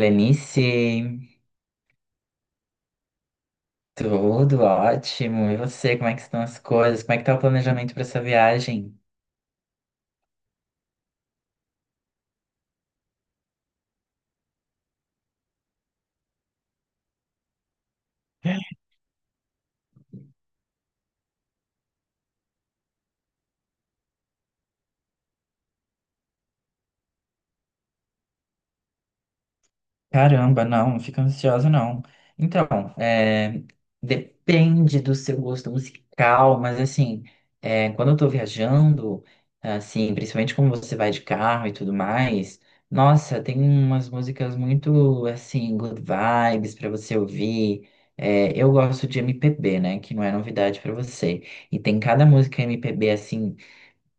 Lenice, tudo ótimo. E você, como é que estão as coisas? Como é que tá o planejamento para essa viagem? Caramba, não, não fica ansiosa, não. Então, é, depende do seu gosto musical, mas assim, quando eu tô viajando, assim, principalmente como você vai de carro e tudo mais, nossa, tem umas músicas muito, assim, good vibes pra você ouvir. É, eu gosto de MPB, né, que não é novidade pra você. E tem cada música MPB, assim,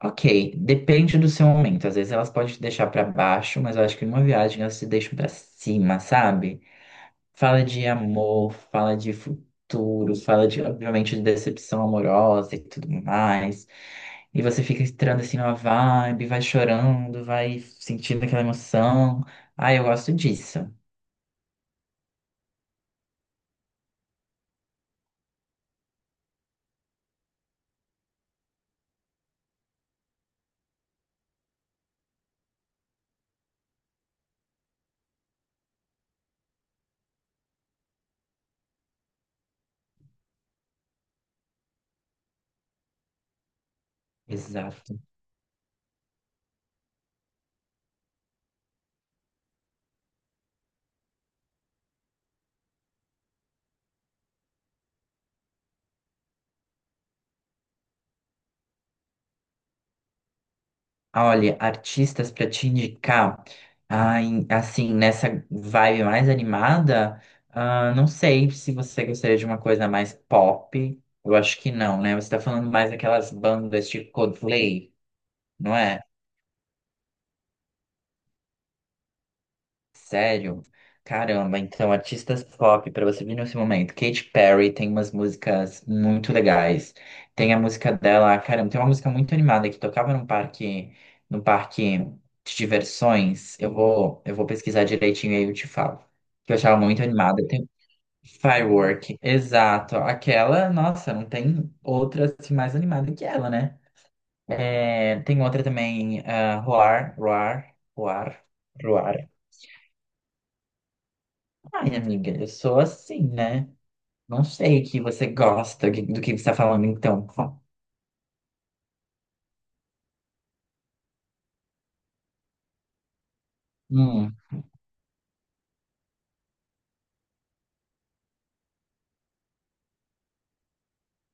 Ok, depende do seu momento. Às vezes elas podem te deixar pra baixo, mas eu acho que numa viagem elas te deixam pra cima, sabe? Fala de amor, fala de futuro, fala de, obviamente, de decepção amorosa e tudo mais. E você fica entrando assim numa vibe, vai chorando, vai sentindo aquela emoção. Ah, eu gosto disso. Exato. Olha, artistas para te indicar, assim, nessa vibe mais animada, não sei se você gostaria de uma coisa mais pop. Eu acho que não, né? Você tá falando mais daquelas bandas tipo Coldplay, não é? Sério? Caramba, então artistas pop pra você vir nesse momento. Katy Perry tem umas músicas muito legais. Tem a música dela, caramba, tem uma música muito animada que tocava num parque de diversões. Eu vou pesquisar direitinho e aí eu te falo. Que eu achava muito animada. Tem Firework, exato. Aquela, nossa, não tem outra assim, mais animada que ela, né? É, tem outra também, Roar, Roar, Roar. Roar. Ai, amiga, eu sou assim, né? Não sei que você gosta do que você está falando, então. Hum.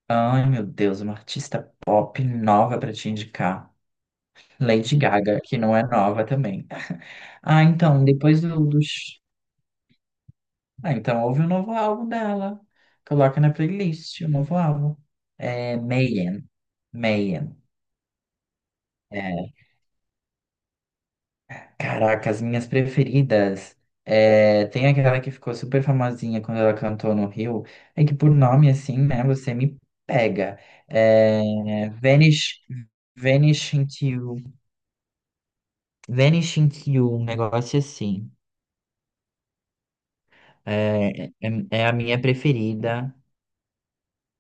Ai, meu Deus, uma artista pop nova para te indicar. Lady Gaga, que não é nova também. Ah, então, depois do, do... sh- ah, então ouve o novo álbum dela. Coloca na playlist o novo álbum. É Mayhem. Mayhem. É. Caraca, as minhas preferidas. É, tem aquela que ficou super famosinha quando ela cantou no Rio. É que por nome assim, né? Você me pega. Vanish, Vanish into You. Vanish into You, um negócio assim. É, é, é a minha preferida.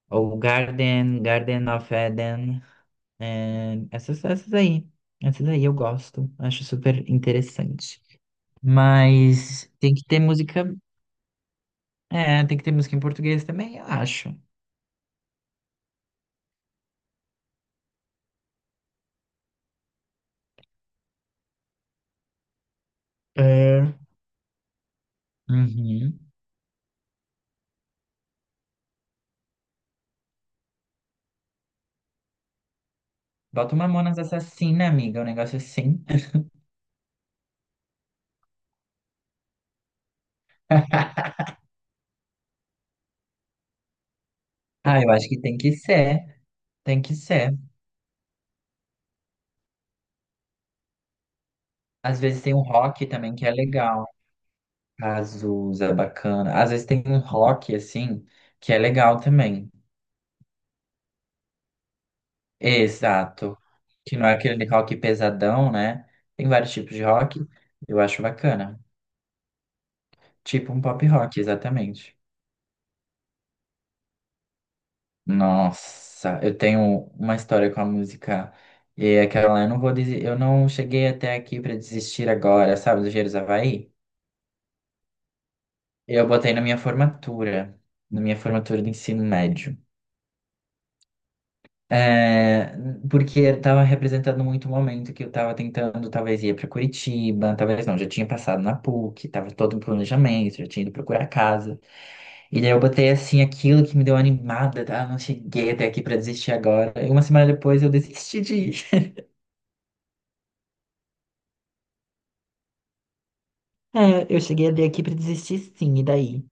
Ou Garden, Garden of Eden. É, essas aí. Essas aí eu gosto. Acho super interessante. Mas tem que ter música. É, tem que ter música em português também, eu acho. É, uhum. Bota uma Mamonas Assassina, amiga, um negócio é assim. Ah, eu acho que tem que ser, tem que ser. Às vezes tem um rock também que é legal. Azusa, bacana. Às vezes tem um rock, assim, que é legal também. Exato. Que não é aquele rock pesadão, né? Tem vários tipos de rock, eu acho bacana. Tipo um pop rock, exatamente. Nossa, eu tenho uma história com a música. E é aquela, eu não vou dizer, eu não cheguei até aqui pra desistir agora, sabe, do Engenheiros do Havaí? Eu botei na minha formatura do ensino médio. É, porque estava representando muito o momento que eu estava tentando, talvez ia para Curitiba, talvez não, já tinha passado na PUC, estava todo um planejamento, já tinha ido procurar casa. E daí eu botei assim aquilo que me deu animada, tá? Não cheguei até aqui para desistir agora. E uma semana depois eu desisti de ir. É, eu cheguei a ler aqui pra desistir sim, e daí?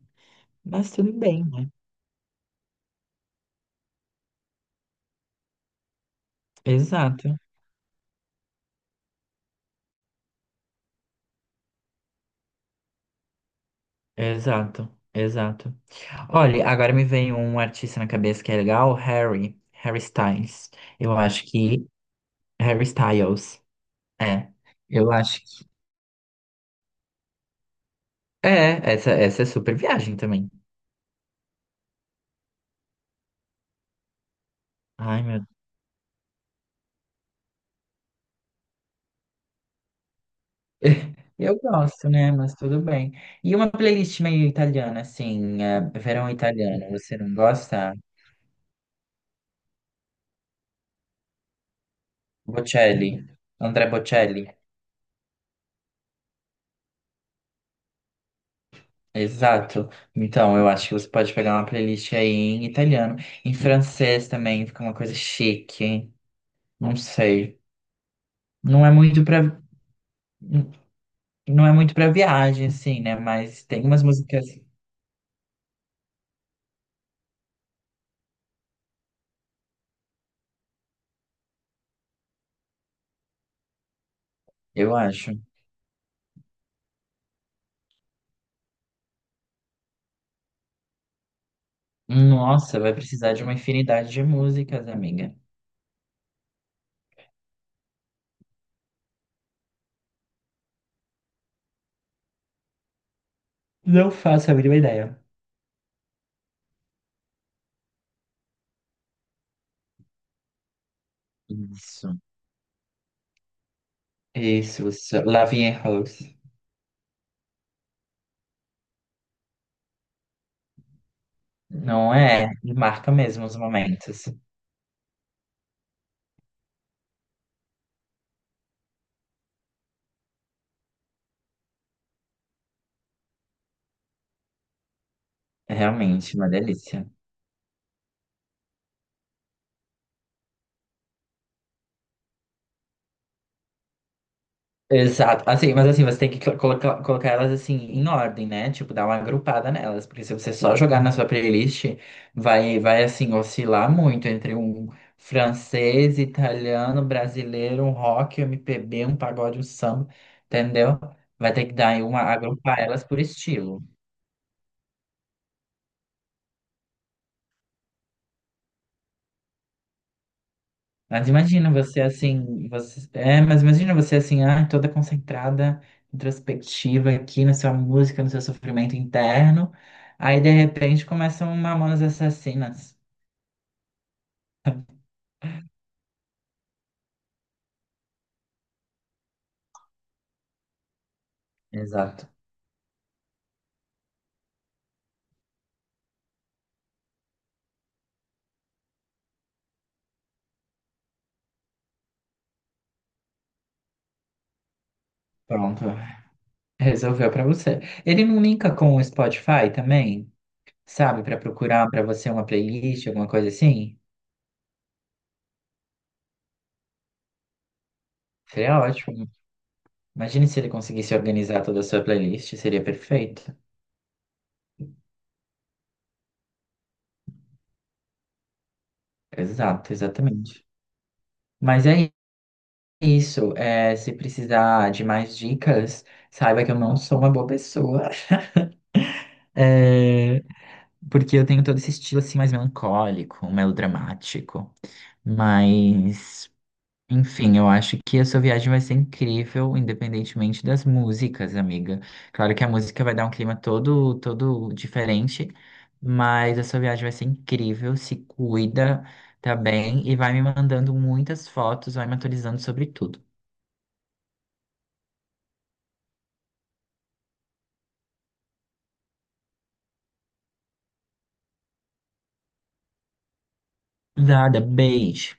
Mas tudo bem, né? Exato, exato, exato. Olha, agora me vem um artista na cabeça que é legal, Harry Styles. Eu acho que Harry Styles. É. Eu acho que é, essa é super viagem também. Ai, meu. Deus. Eu gosto, né? Mas tudo bem. E uma playlist meio italiana, assim, é, verão italiano, você não gosta? Bocelli, André Bocelli. Exato. Então, eu acho que você pode pegar uma playlist aí em italiano, em francês também, fica uma coisa chique, não sei. Não é muito pra, não é muito pra viagem, assim, né? Mas tem umas músicas, eu acho. Nossa, vai precisar de uma infinidade de músicas, amiga. Não faço a mínima ideia. Isso. Isso. Love and Rose. Não é? E marca mesmo os momentos. É realmente uma delícia. Exato. Mas assim, você tem que colocar elas assim em ordem, né? Tipo, dar uma agrupada nelas, porque se você só jogar na sua playlist, vai assim oscilar muito entre um francês, italiano, brasileiro, um rock, um MPB, um pagode, um samba, entendeu? Vai ter que dar aí uma agrupar elas por estilo. Mas imagina você assim, ah, toda concentrada, introspectiva aqui na sua música, no seu sofrimento interno. Aí de repente começam Mamonas Assassinas. Exato. Pronto, resolveu pra você. Ele não linka com o Spotify também, sabe, pra procurar pra você uma playlist, alguma coisa assim? Seria ótimo. Imagine se ele conseguisse organizar toda a sua playlist, seria perfeito. Exato, exatamente. Mas é isso, é, se precisar de mais dicas, saiba que eu não sou uma boa pessoa. É, porque eu tenho todo esse estilo assim mais melancólico, melodramático. Mas, enfim, eu acho que a sua viagem vai ser incrível, independentemente das músicas, amiga. Claro que a música vai dar um clima todo diferente, mas a sua viagem vai ser incrível, se cuida, tá bem? E vai me mandando muitas fotos, vai me atualizando sobre tudo. Nada, beijo.